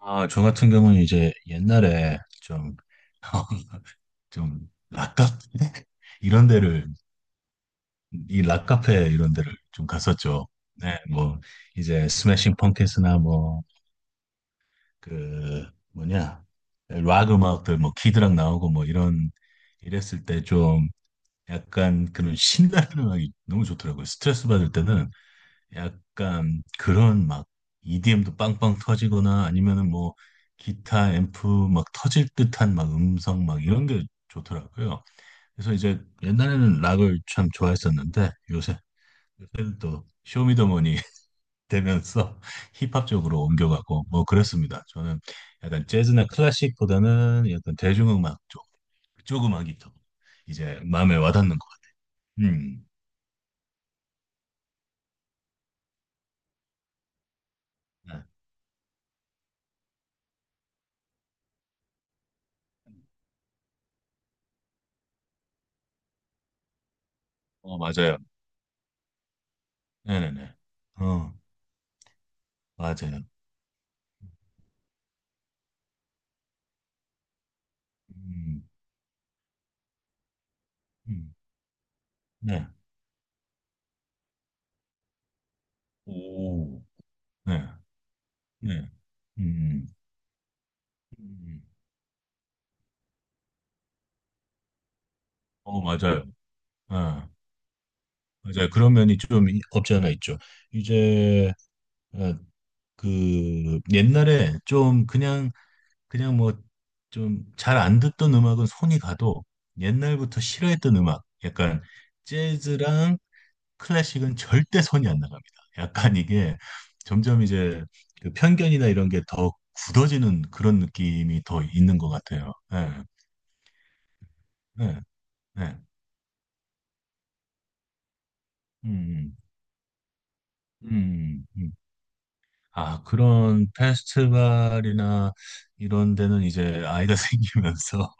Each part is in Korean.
아, 저 같은 경우는 이제 옛날에 좀, 좀, 락카페? 이런 데를, 이 락카페 이런 데를 좀 갔었죠. 네, 뭐, 이제 스매싱 펑키스나 뭐, 그, 뭐냐, 락 음악들, 뭐, 키드락 나오고 뭐, 이런, 이랬을 때 좀 약간 그런 신나는 음악이 너무 좋더라고요. 스트레스 받을 때는 약간 그런 막 EDM도 빵빵 터지거나 아니면은 뭐 기타 앰프 막 터질 듯한 막 음성 막 이런 게 좋더라고요. 그래서 이제 옛날에는 락을 참 좋아했었는데 요새는 또 쇼미더머니 되면서 힙합 쪽으로 옮겨가고 뭐 그렇습니다. 저는 약간 재즈나 클래식보다는 약간 대중음악 쪽 그쪽 음악이 더 이제 마음에 와닿는 것 같아요. 네. 어 맞아요. 네네네. 어 맞아요. 음. 음, 네. 오, 네, 네. 음, 음. 어, 맞아요. 아, 맞아요. 그런 면이 좀 없지 않아 있죠. 이제, 어, 그, 옛날에 좀 그냥, 그냥 뭐, 좀 잘 안 듣던 음악은 손이 가도 옛날부터 싫어했던 음악, 약간 재즈랑 클래식은 절대 손이 안 나갑니다. 약간 이게 점점 이제 그 편견이나 이런 게 더 굳어지는 그런 느낌이 더 있는 것 같아요. 예. 네, 네. 음, 음. 아, 그런 페스티벌이나 이런 데는 이제 아이가 생기면서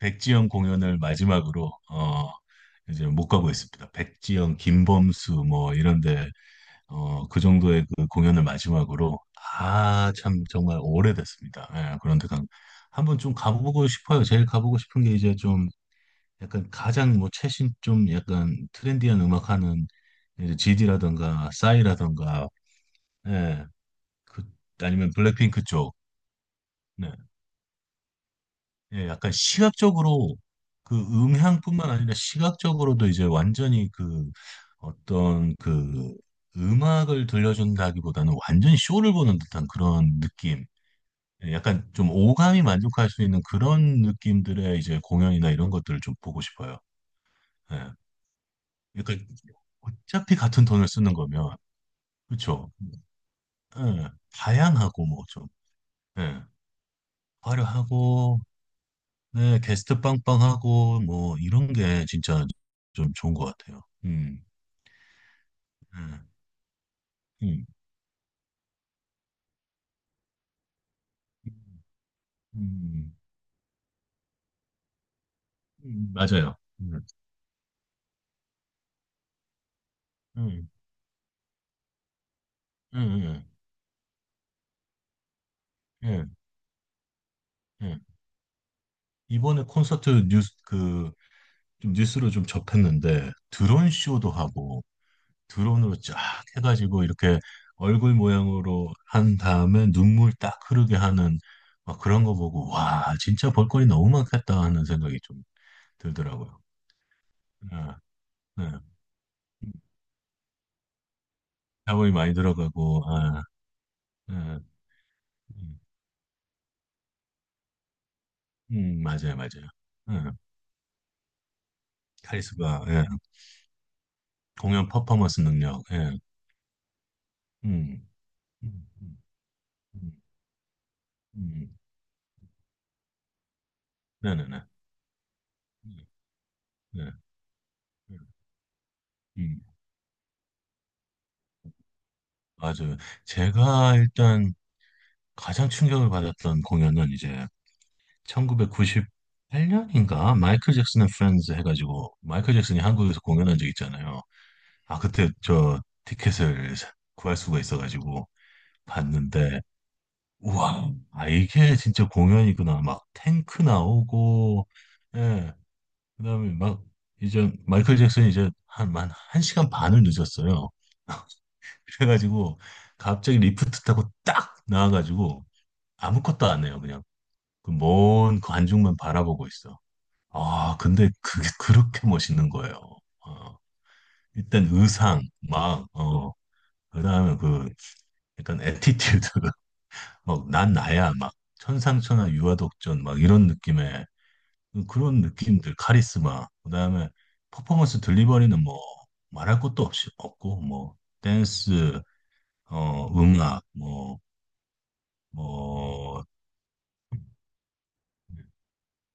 백지영 공연을 마지막으로, 어, 이제 못 가고 있습니다. 백지영, 김범수, 뭐, 이런 데, 어, 그 정도의 그 공연을 마지막으로, 아, 참, 정말 오래됐습니다. 예, 그런데 한번 좀 가보고 싶어요. 제일 가보고 싶은 게 이제 좀 약간 가장 뭐 최신 좀 약간 트렌디한 음악 하는 GD라던가 싸이라던가 예, 그 아니면 블랙핑크 쪽. 네. 예, 약간 시각적으로 그 음향뿐만 아니라 시각적으로도 이제 완전히 그 어떤 그 음악을 들려준다기보다는 완전히 쇼를 보는 듯한 그런 느낌. 예, 약간 좀 오감이 만족할 수 있는 그런 느낌들의 이제 공연이나 이런 것들을 좀 보고 싶어요. 예. 그러니까 어차피 같은 돈을 쓰는 거면 그렇죠. 예, 다양하고 뭐 좀 예, 화려하고 네, 게스트 빵빵하고 뭐 이런 게 진짜 좀 좋은 것 같아요. 예, 음, 음, 맞아요. 음, 음, 음, 예, 예. 이번에 콘서트 뉴스 그 좀 뉴스로 좀 접했는데 드론 쇼도 하고 드론으로 쫙 해가지고 이렇게 얼굴 모양으로 한 다음에 눈물 딱 흐르게 하는 막 그런 거 보고 와 진짜 볼거리 너무 많겠다 하는 생각이 좀 들더라고요. 아, 아. 자본이 많이 들어가고 아, 예, 음, 맞아요 맞아요. 아, 카리스마 예. 공연 퍼포먼스 능력 예. 음, 음, 음, 음, 음. 네네 네, 네. 음, 맞아요. 제가 일단 가장 충격을 받았던 공연은 이제 1998년인가 마이클 잭슨 앤 프렌즈 해가지고 마이클 잭슨이 한국에서 공연한 적 있잖아요. 아 그때 저 티켓을 구할 수가 있어가지고 봤는데 우와 아 이게 진짜 공연이구나 막 탱크 나오고 예 그다음에 막 이제 마이클 잭슨이 이제 한만 한 시간 반을 늦었어요. 그래가지고 갑자기 리프트 타고 딱 나와가지고 아무것도 안 해요 그냥 그 먼 관중만 바라보고 있어. 아, 근데 그게 그렇게 멋있는 거예요. 어, 일단 의상, 막, 어, 그 다음에 그, 약간 애티튜드, 막, 난 나야, 막, 천상천하 유아독전, 막, 이런 느낌의, 그런 느낌들, 카리스마, 그 다음에 퍼포먼스 딜리버리는 뭐, 말할 것도 없이, 없고, 뭐, 댄스, 어, 음악, 뭐, 뭐,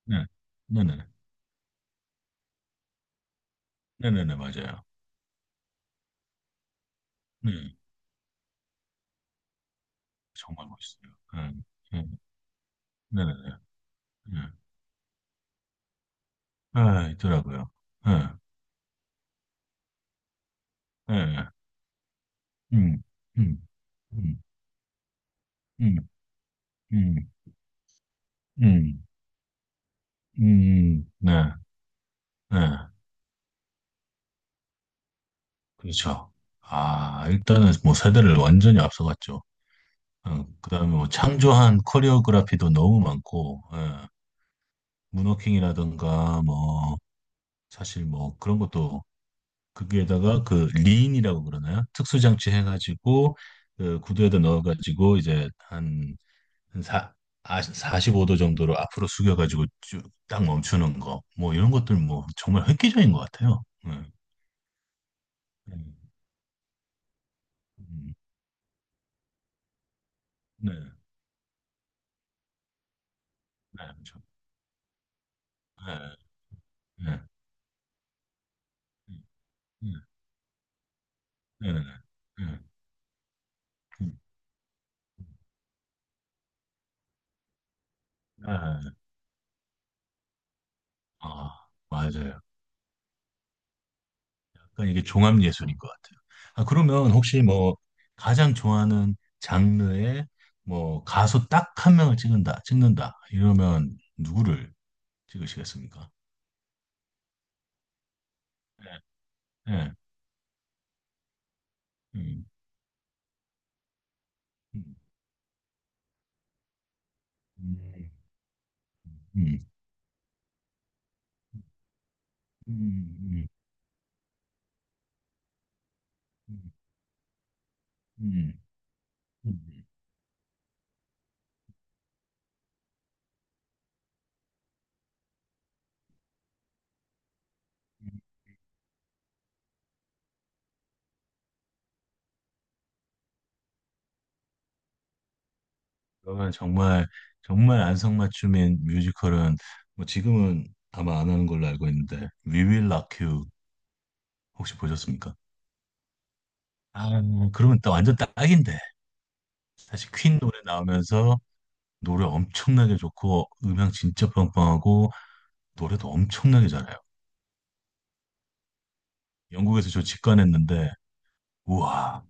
네, 네네, 네네네, 맞아요. 네, 정말 멋있어요. 네, 네, 네네네. 예, 있더라고요. 예, 예, 예. 음, 음, 음, 음, 음, 음, 네, 네, 그렇죠. 아, 일단은 뭐 세대를 완전히 앞서갔죠. 어, 그다음에 뭐 창조한 코리오그라피도 너무 많고, 예, 문워킹이라든가 뭐 사실 뭐 그런 것도 거기에다가 그 리인이라고 그러나요? 특수장치 해가지고 그 구두에다 넣어가지고 이제 한 한 사, 아, 45도 정도로 앞으로 숙여가지고 쭉 딱 멈추는 거, 뭐 이런 것들 뭐 정말 획기적인 것 같아요. 네, 네, 음, 네, 네, 그렇죠. 네, 네, 네, 네, 네, 네, 음, 네. 아, 맞아요. 약간 이게 종합 예술인 것 같아요. 아, 그러면 혹시 뭐 가장 좋아하는 장르의 뭐 가수 딱 한 명을 찍는다 이러면 누구를 찍으시겠습니까? 네, 네, 음, 음. 음. 음, 음, 음, 음, 음, 음. 그러면 정말 정말 안성맞춤인 뮤지컬은 뭐 지금은 아마 안 하는 걸로 알고 있는데 We Will Rock You 혹시 보셨습니까? 아 그러면 또 완전 딱인데 사실 퀸 노래 나오면서 노래 엄청나게 좋고 음향 진짜 빵빵하고 노래도 엄청나게 잘해요. 영국에서 저 직관했는데 우와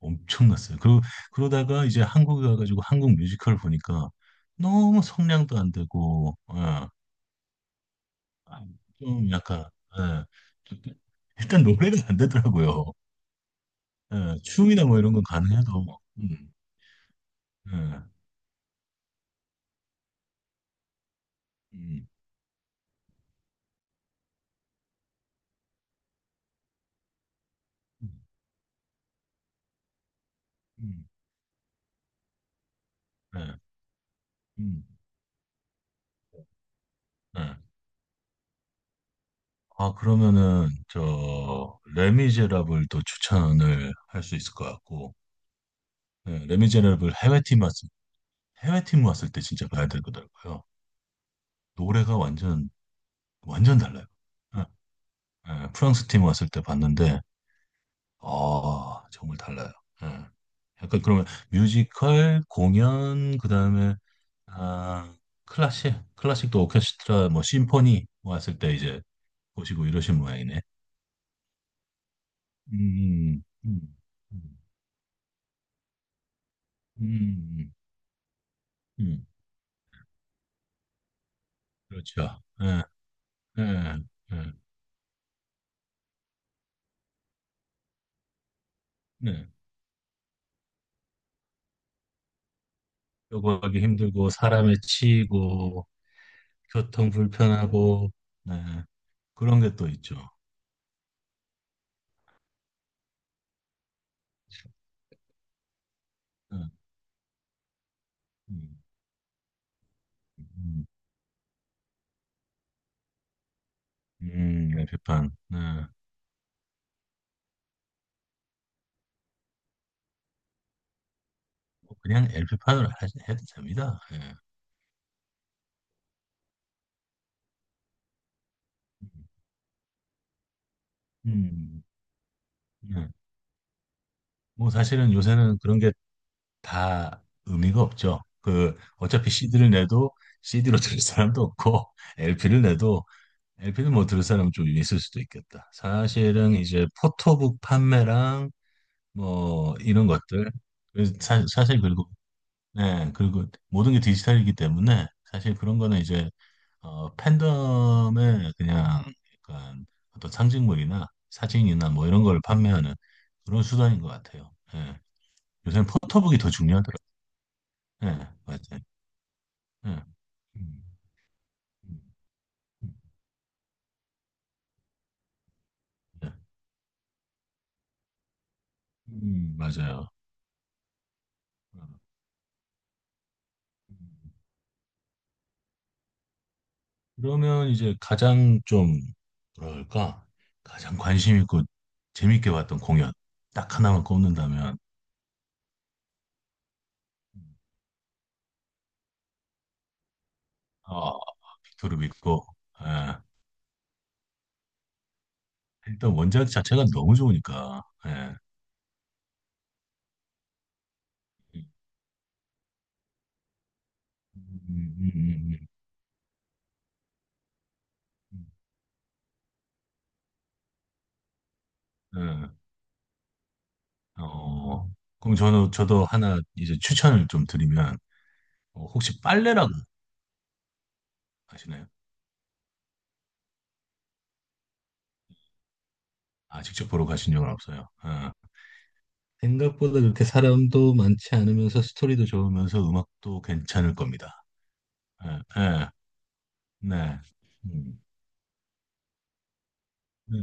엄청났어요. 그러다가 이제 한국에 가가지고 한국 뮤지컬 보니까 너무 성량도 안 되고, 예, 좀 약간, 예, 좀- 일단 노래가 안 되더라고요. 예, 춤이나 뭐 이런 건 가능해도, 뭐, 예, 음, 음, 음, 예, 음, 예. 아, 그러면은, 저, 레미제라블도 추천을 할 수 있을 것 같고, 예, 레미제라블 해외팀 왔을 때 진짜 봐야 되더라고요. 노래가 완전 완전 달라요. 예, 예, 프랑스 팀 왔을 때 봤는데, 아, 정말 달라요. 예. 약간 그러면 뮤지컬, 공연, 그 다음에, 아, 클래식, 클래식도 오케스트라, 뭐, 심포니 왔을 때 이제 보시고 이러신 모양이네. 음, 음, 음, 음, 음, 음. 그렇죠. 예, 예, 예, 네. 요구하기 힘들고, 사람에 치이고, 교통 불편하고, 네. 그런 게 또 있죠. 예. 음, 음, 엘피판 네. 뭐 그냥 LP판으로 해도 됩니다. 예. 음, 네. 뭐 사실은 요새는 그런 게 다 의미가 없죠. 그 어차피 CD를 내도 CD로 들을 사람도 없고 LP를 내도 LP는 뭐 들을 사람 좀 있을 수도 있겠다. 사실은 이제 포토북 판매랑 뭐 이런 것들 사실 그리고 네, 그리고 모든 게 디지털이기 때문에 사실 그런 거는 이제 어, 팬덤의 그냥 약간 어떤 상징물이나 사진이나 뭐 이런 걸 판매하는 그런 수단인 것 같아요. 예. 요새는 포토북이 더 중요하더라고요. 예, 맞아요. 예. 음, 음, 음, 예. 맞아요. 음. 그러면 이제 가장 좀 뭐랄까 가장 관심 있고 재밌게 봤던 공연 딱 하나만 꼽는다면 어, 그룹 있고, 예. 일단 원작 자체가 너무 좋으니까, 예. 음, 음, 음, 음. 음, 음. 예. 어, 그럼 저는, 저도 하나 이제 추천을 좀 드리면, 어, 혹시 빨래라고 아시나요? 아, 직접 보러 가신 적은 없어요. 예. 생각보다 그렇게 사람도 많지 않으면서 스토리도 좋으면서 음악도 괜찮을 겁니다. 예, 예, 네. 음, 네.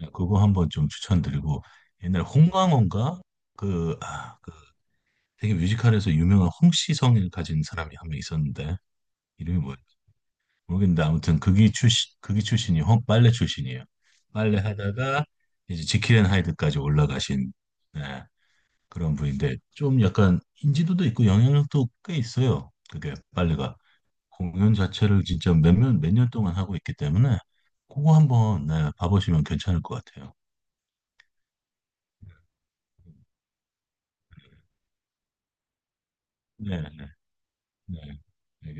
네, 그거 한번 좀 추천드리고, 옛날 홍강호인가? 그, 아, 그 되게 뮤지컬에서 유명한 홍시성을 가진 사람이 한 명 있었는데 이름이 뭐였지? 모르겠는데 아무튼 극이 출신이 홍 빨래 출신이에요. 빨래 하다가 이제 지킬 앤 하이드까지 올라가신 네, 그런 분인데 좀 약간 인지도도 있고 영향력도 꽤 있어요. 그게 빨래가 공연 자체를 진짜 몇몇 몇 년 동안 하고 있기 때문에 그거 한번 네, 봐보시면 괜찮을 것 같아요. 네, 네, 네.